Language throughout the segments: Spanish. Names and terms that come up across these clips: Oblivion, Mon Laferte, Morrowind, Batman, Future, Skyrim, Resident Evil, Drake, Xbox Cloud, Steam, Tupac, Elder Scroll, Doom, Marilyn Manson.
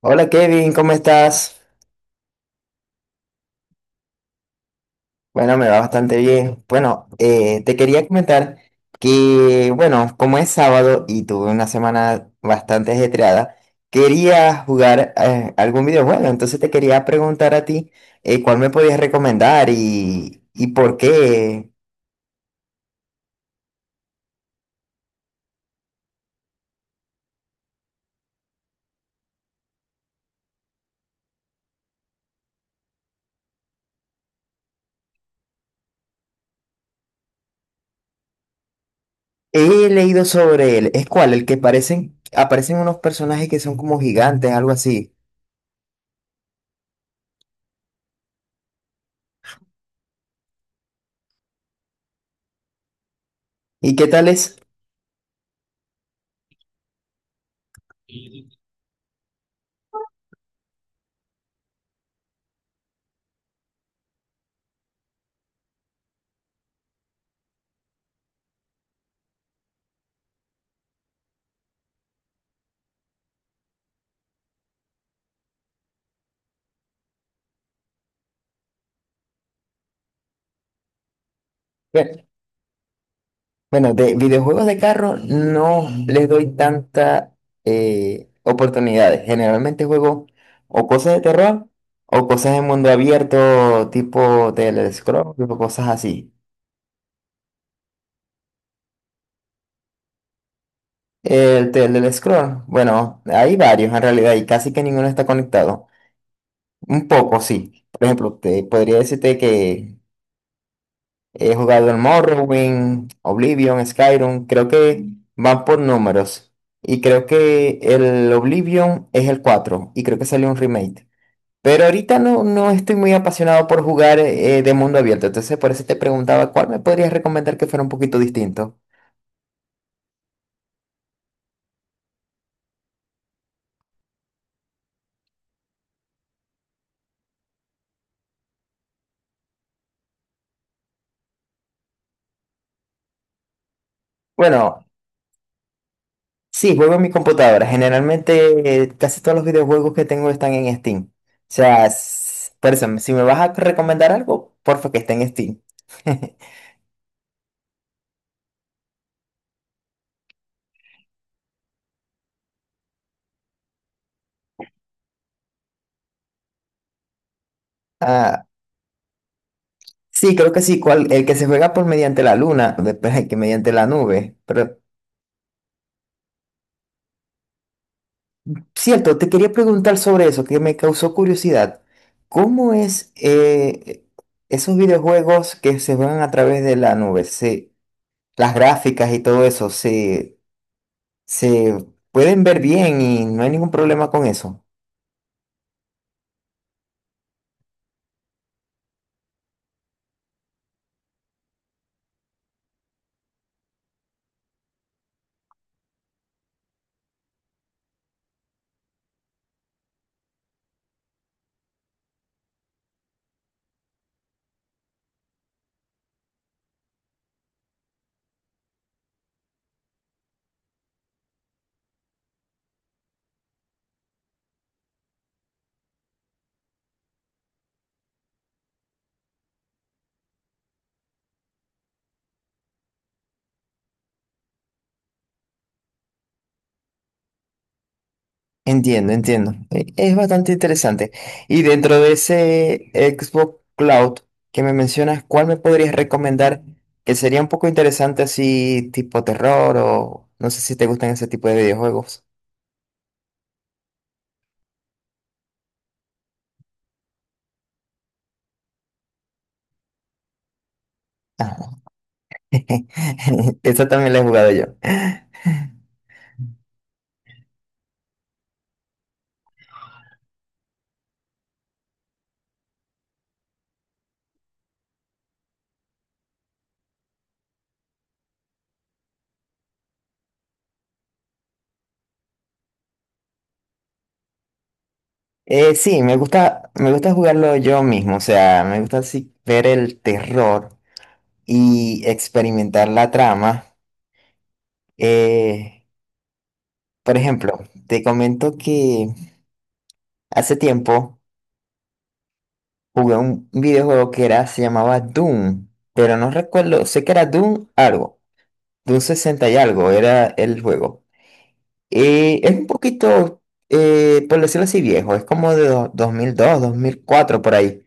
Hola Kevin, ¿cómo estás? Bueno, me va bastante bien. Bueno, te quería comentar que, bueno, como es sábado y tuve una semana bastante ajetreada, quería jugar algún videojuego. Entonces te quería preguntar a ti cuál me podías recomendar y por qué. He leído sobre él. ¿Es cuál? El que aparecen unos personajes que son como gigantes, algo así. ¿Y qué tal es? Bueno, de videojuegos de carro no les doy tanta oportunidades. Generalmente juego o cosas de terror o cosas de mundo abierto, tipo Elder Scroll, tipo cosas así. El Elder Scroll, bueno, hay varios en realidad y casi que ninguno está conectado. Un poco, sí. Por ejemplo, te podría decirte que he jugado el Morrowind, Oblivion, Skyrim, creo que van por números. Y creo que el Oblivion es el 4 y creo que salió un remake. Pero ahorita no estoy muy apasionado por jugar de mundo abierto, entonces por eso te preguntaba cuál me podrías recomendar que fuera un poquito distinto. Bueno, sí, juego en mi computadora. Generalmente casi todos los videojuegos que tengo están en Steam. O sea, s- por eso, si me vas a recomendar algo, porfa que esté en Steam. Ah. Sí, creo que sí, cual- el que se juega por mediante la luna, después el que mediante la nube. Pero, cierto, te quería preguntar sobre eso, que me causó curiosidad. ¿Cómo es esos videojuegos que se juegan a través de la nube? Las gráficas y todo eso, se pueden ver bien y no hay ningún problema con eso. Entiendo, entiendo. Es bastante interesante. Y dentro de ese Xbox Cloud que me mencionas, ¿cuál me podrías recomendar que sería un poco interesante así tipo terror o no sé si te gustan ese tipo de videojuegos? Ajá. Esa también la he jugado yo. Sí, me gusta jugarlo yo mismo, o sea, me gusta así ver el terror y experimentar la trama. Eh, por ejemplo, te comento que hace tiempo jugué un videojuego que era, se llamaba Doom, pero no recuerdo, sé que era Doom algo, Doom 60 y algo era el juego. Y es un poquito, por decirlo así, viejo, es como de do- 2002, 2004 por ahí.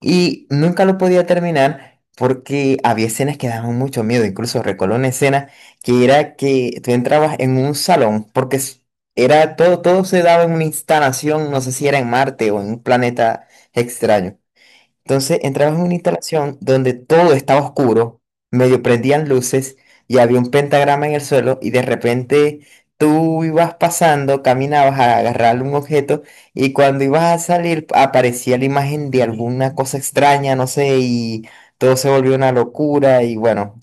Y nunca lo podía terminar porque había escenas que daban mucho miedo, incluso recuerdo una escena que era que tú entrabas en un salón porque... s- era todo se daba en una instalación, no sé si era en Marte o en un planeta extraño. Entonces entramos en una instalación donde todo estaba oscuro, medio prendían luces y había un pentagrama en el suelo y de repente tú ibas pasando, caminabas a agarrar un objeto y cuando ibas a salir aparecía la imagen de alguna cosa extraña, no sé, y todo se volvió una locura y bueno,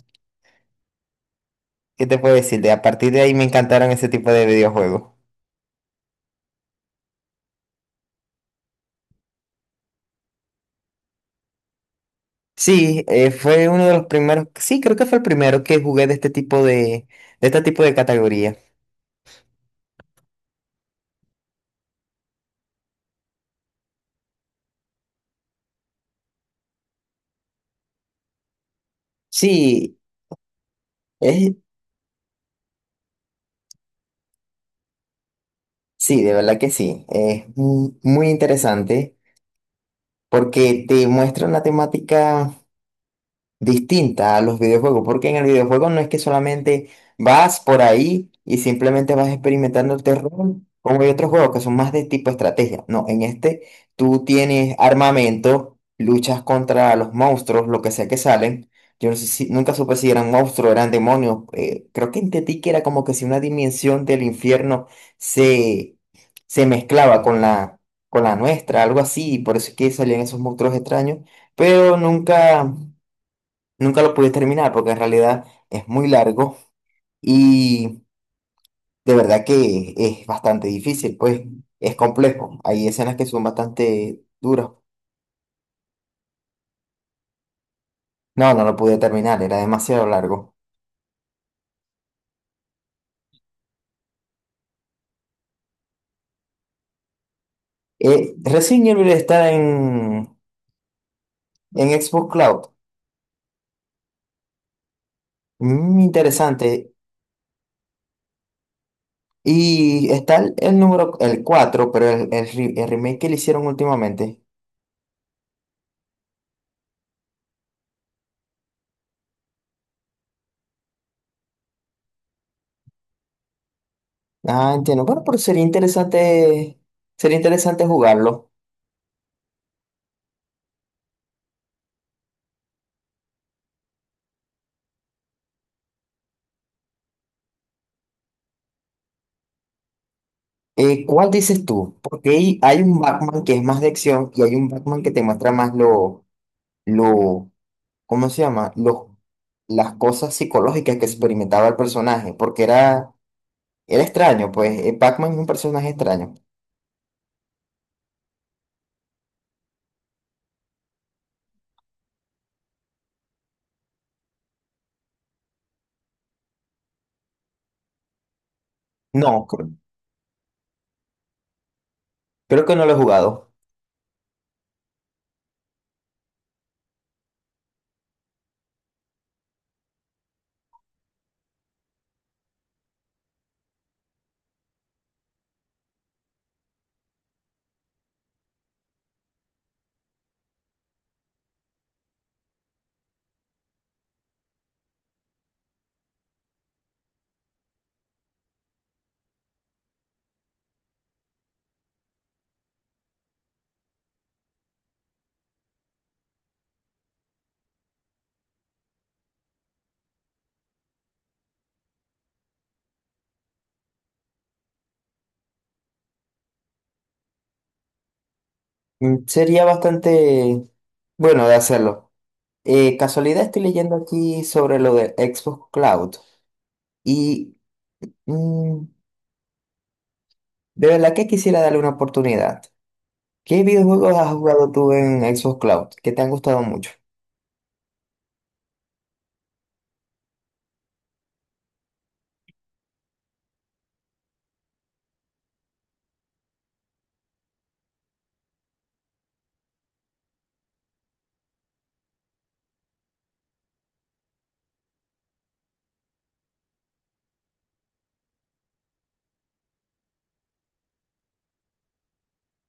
¿qué te puedo decir? De a partir de ahí me encantaron ese tipo de videojuegos. Sí, fue uno de los primeros, sí, creo que fue el primero que jugué de este tipo de este tipo de categoría. Sí, es, sí, de verdad que sí. Es mu- muy interesante porque te muestra una temática distinta a los videojuegos, porque en el videojuego no es que solamente vas por ahí y simplemente vas experimentando el terror, como hay otros juegos que son más de tipo estrategia. No, en este tú tienes armamento, luchas contra los monstruos, lo que sea que salen. Yo no sé si, nunca supe si eran monstruos, eran demonios. Creo que entendí que era como que si una dimensión del infierno se, se mezclaba con con la nuestra, algo así, y por eso es que salían esos monstruos extraños, pero nunca. Nunca lo pude terminar porque en realidad es muy largo y de verdad que es bastante difícil, pues es complejo. Hay escenas que son bastante duras. No, no lo pude terminar, era demasiado largo. Resident Evil está en Xbox Cloud. Mm, interesante. Y está el número, el 4 pero el re- el remake que le hicieron últimamente. Ah, entiendo. Bueno, pero sería interesante jugarlo. ¿Cuál dices tú? Porque hay un Batman que es más de acción y hay un Batman que te muestra más lo, ¿cómo se llama? Los, las cosas psicológicas que experimentaba el personaje, porque era, era extraño, pues Batman es un personaje extraño. No, creo, creo que no lo he jugado. Mm, sería bastante bueno de hacerlo. Casualidad estoy leyendo aquí sobre lo de Xbox Cloud y mm, de verdad que quisiera darle una oportunidad. ¿Qué videojuegos has jugado tú en Xbox Cloud que te han gustado mucho?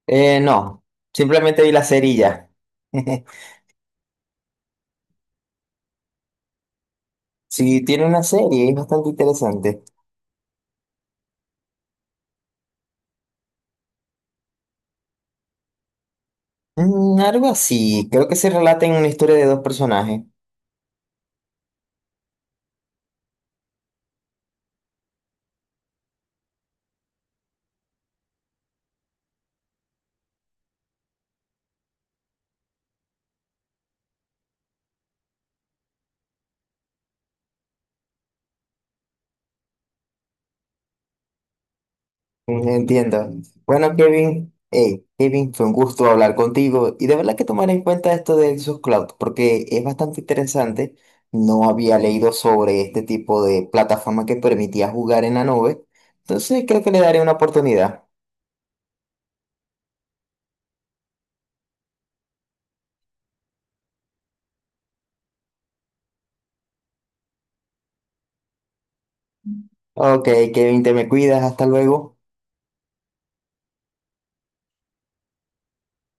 No, simplemente vi la serie y ya. Si tiene una serie, es bastante interesante. Mm, algo así, creo que se relata en una historia de dos personajes. Mm, entiendo. Bueno, Kevin, hey, Kevin, fue un gusto hablar contigo y de verdad que tomar en cuenta esto de Xbox Cloud porque es bastante interesante. No había leído sobre este tipo de plataforma que permitía jugar en la nube, entonces creo que le daré una oportunidad. Ok, Kevin, te me cuidas. Hasta luego.